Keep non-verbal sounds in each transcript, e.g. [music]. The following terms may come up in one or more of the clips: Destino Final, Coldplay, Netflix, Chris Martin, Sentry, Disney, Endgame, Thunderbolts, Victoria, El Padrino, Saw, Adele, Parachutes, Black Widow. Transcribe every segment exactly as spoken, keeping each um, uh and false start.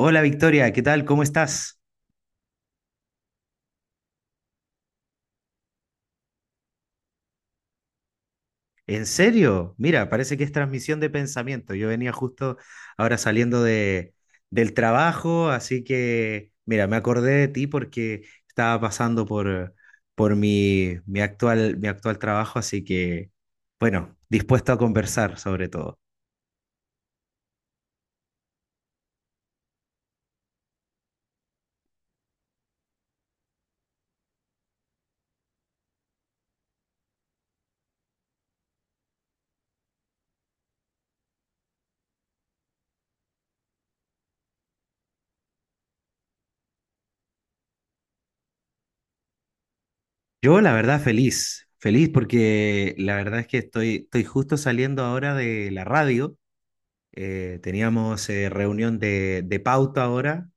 Hola Victoria, ¿qué tal? ¿Cómo estás? ¿En serio? Mira, parece que es transmisión de pensamiento. Yo venía justo ahora saliendo de, del trabajo, así que, mira, me acordé de ti porque estaba pasando por, por mi, mi actual, mi actual trabajo, así que, bueno, dispuesto a conversar sobre todo. Yo, la verdad, feliz, feliz porque la verdad es que estoy, estoy justo saliendo ahora de la radio. Eh, teníamos eh, reunión de, de pauta ahora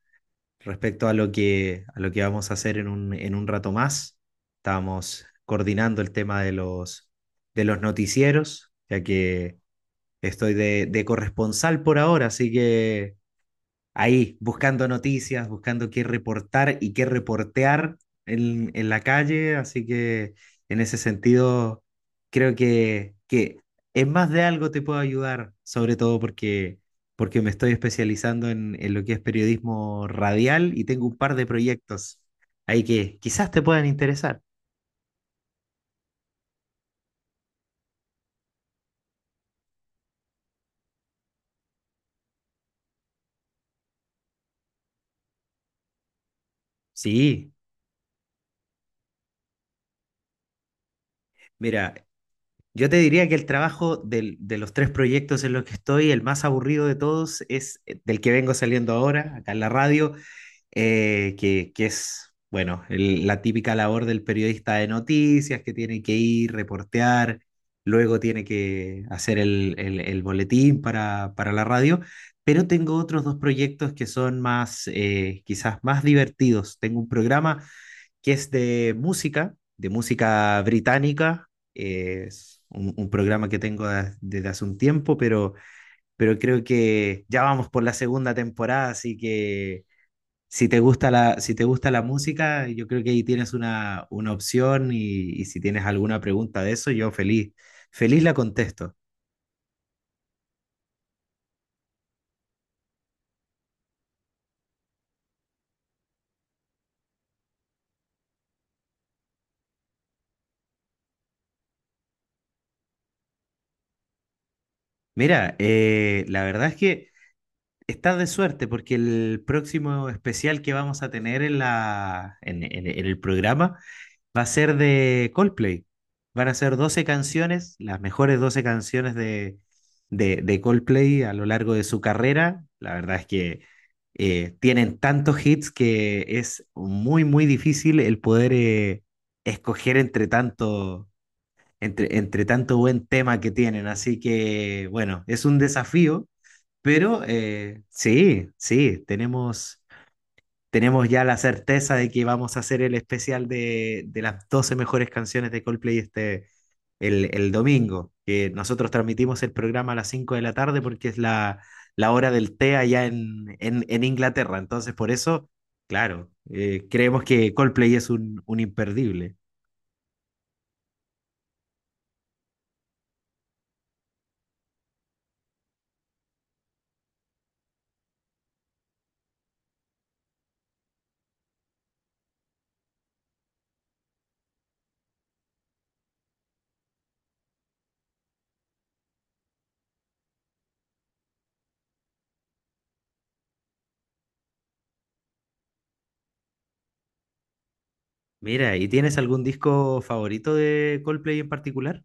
respecto a lo que, a lo que vamos a hacer en un, en un rato más. Estamos coordinando el tema de los, de los noticieros, ya que estoy de, de corresponsal por ahora, así que ahí, buscando noticias, buscando qué reportar y qué reportear en, en la calle, así que en ese sentido creo que, que en más de algo te puedo ayudar, sobre todo porque, porque me estoy especializando en, en lo que es periodismo radial y tengo un par de proyectos ahí que quizás te puedan interesar. Sí, mira, yo te diría que el trabajo del- de los tres proyectos en los que estoy, el más aburrido de todos es eh, del que vengo saliendo ahora, acá en la radio, eh, que, que es, bueno, el- la típica labor del periodista de noticias, que tiene que ir, reportear, luego tiene que hacer el, el- el boletín para, para la radio, pero tengo otros dos proyectos que son más, eh, quizás más divertidos. Tengo un programa que es de música, de música británica. eh, Es un, un programa que tengo des- desde hace un tiempo, pero, pero creo que ya vamos por la segunda temporada, así que si te gusta la, si te gusta la música, yo creo que ahí tienes una, una opción y, y si tienes alguna pregunta de eso, yo feliz, feliz la contesto. Mira, eh, la verdad es que estás de suerte porque el próximo especial que vamos a tener en la, en, en- en el programa va a ser de Coldplay. Van a ser doce canciones, las mejores doce canciones de, de, de Coldplay a lo largo de su carrera. La verdad es que eh, tienen tantos hits que es muy, muy difícil el poder eh, escoger entre tanto, entre, entre tanto buen tema que tienen. Así que, bueno, es un desafío, pero eh, sí, sí, tenemos tenemos ya la certeza de que vamos a hacer el especial de, de las doce mejores canciones de Coldplay este, el, el domingo, que nosotros transmitimos el programa a las cinco de la tarde porque es la, la hora del té allá en, en, en Inglaterra. Entonces, por eso, claro, eh, creemos que Coldplay es un, un imperdible. Mira, ¿y tienes algún disco favorito de Coldplay en particular?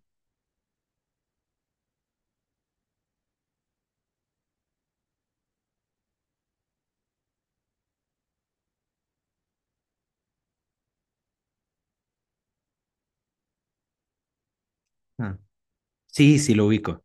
Ah, sí, sí, lo ubico.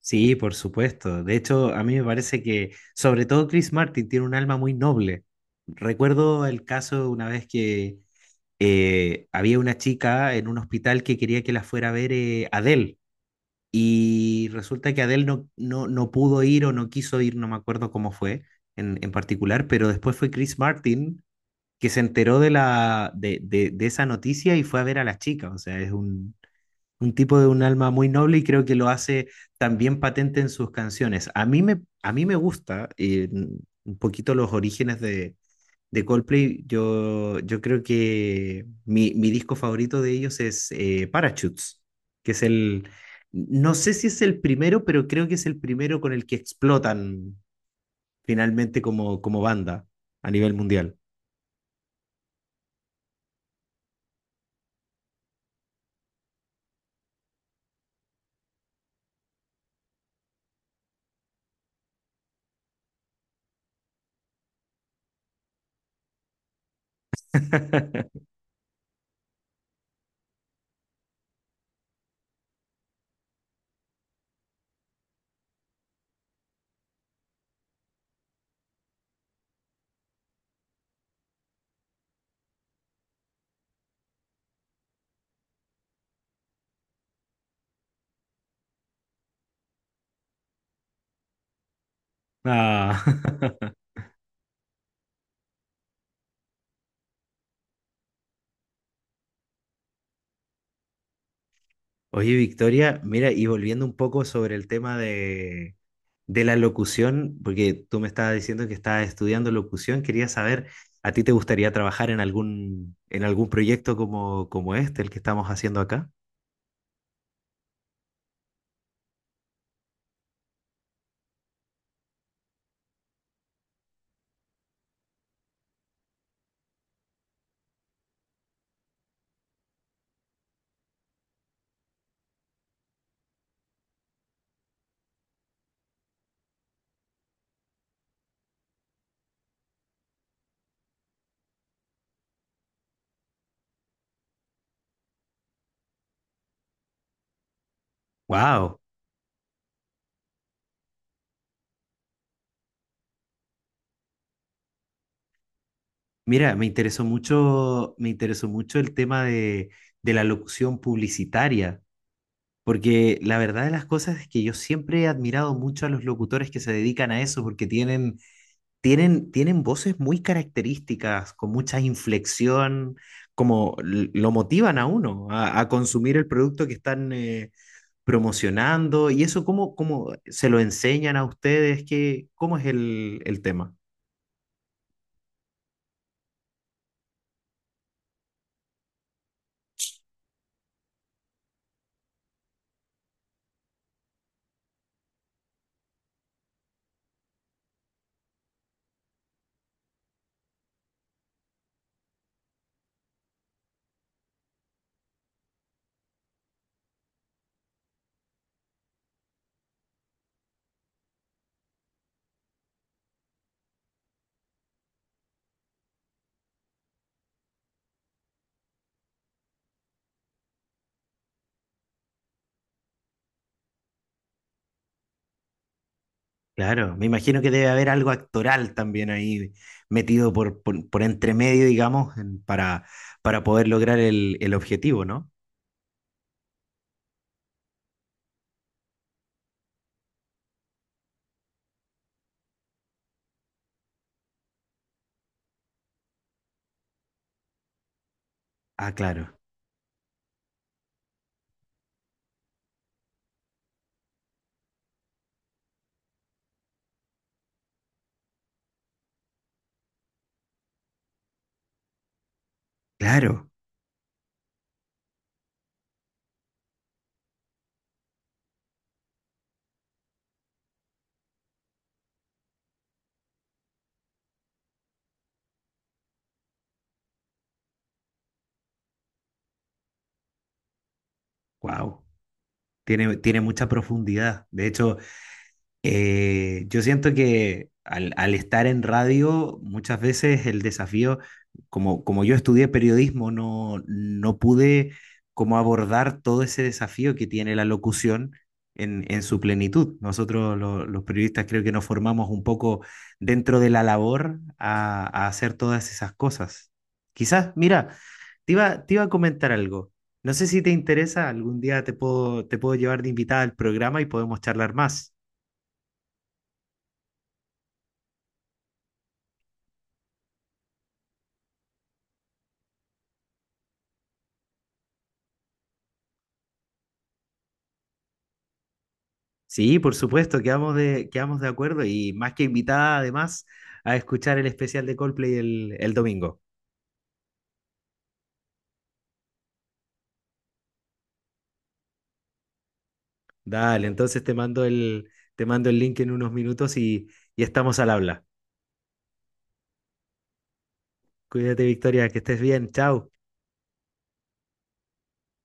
Sí, por supuesto. De hecho, a mí me parece que, sobre todo Chris Martin, tiene un alma muy noble. Recuerdo el caso una vez que eh, había una chica en un hospital que quería que la fuera a ver eh, Adele y resulta que Adele no, no, no pudo ir o no quiso ir, no me acuerdo cómo fue en, en particular, pero después fue Chris Martin que se enteró de, la, de, de, de esa noticia y fue a ver a la chica. O sea, es un, un tipo de un alma muy noble y creo que lo hace también patente en sus canciones. A mí me, a mí me gusta eh, un poquito los orígenes de, de Coldplay. Yo, yo creo que mi, mi disco favorito de ellos es eh, Parachutes, que es el, no sé si es el primero, pero creo que es el primero con el que explotan finalmente como, como banda a nivel mundial. [laughs] Ah. [laughs] Oye, Victoria, mira, y volviendo un poco sobre el tema de, de la locución, porque tú me estabas diciendo que estabas estudiando locución, quería saber, ¿a ti te gustaría trabajar en algún, en algún proyecto como, como este, el que estamos haciendo acá? Wow. Mira, me interesó mucho, me interesó mucho el tema de, de la locución publicitaria, porque la verdad de las cosas es que yo siempre he admirado mucho a los locutores que se dedican a eso, porque tienen tienen, tienen voces muy características, con mucha inflexión, como l- lo motivan a uno a, a consumir el producto que están eh, promocionando. ¿Y eso cómo, cómo se lo enseñan a ustedes? ¿Qué, cómo es el, el tema? Claro, me imagino que debe haber algo actoral también ahí metido por, por, por entre medio, digamos, en- para, para poder lograr el, el objetivo, ¿no? Ah, claro, claro, wow. Tiene, tiene mucha profundidad. De hecho, Eh, yo siento que al, al estar en radio, muchas veces el desafío, como, como yo estudié periodismo, no, no pude como abordar todo ese desafío que tiene la locución en, en su plenitud. Nosotros lo- los periodistas creo que nos formamos un poco dentro de la labor a, a hacer todas esas cosas. Quizás, mira, te iba, te iba a comentar algo. No sé si te interesa, algún día te puedo, te puedo llevar de invitada al programa y podemos charlar más. Sí, por supuesto, quedamos de, quedamos de acuerdo y más que invitada además a escuchar el especial de Coldplay el, el domingo. Dale, entonces te mando el, te mando el link en unos minutos y, y estamos al habla. Cuídate, Victoria, que estés bien. Chao.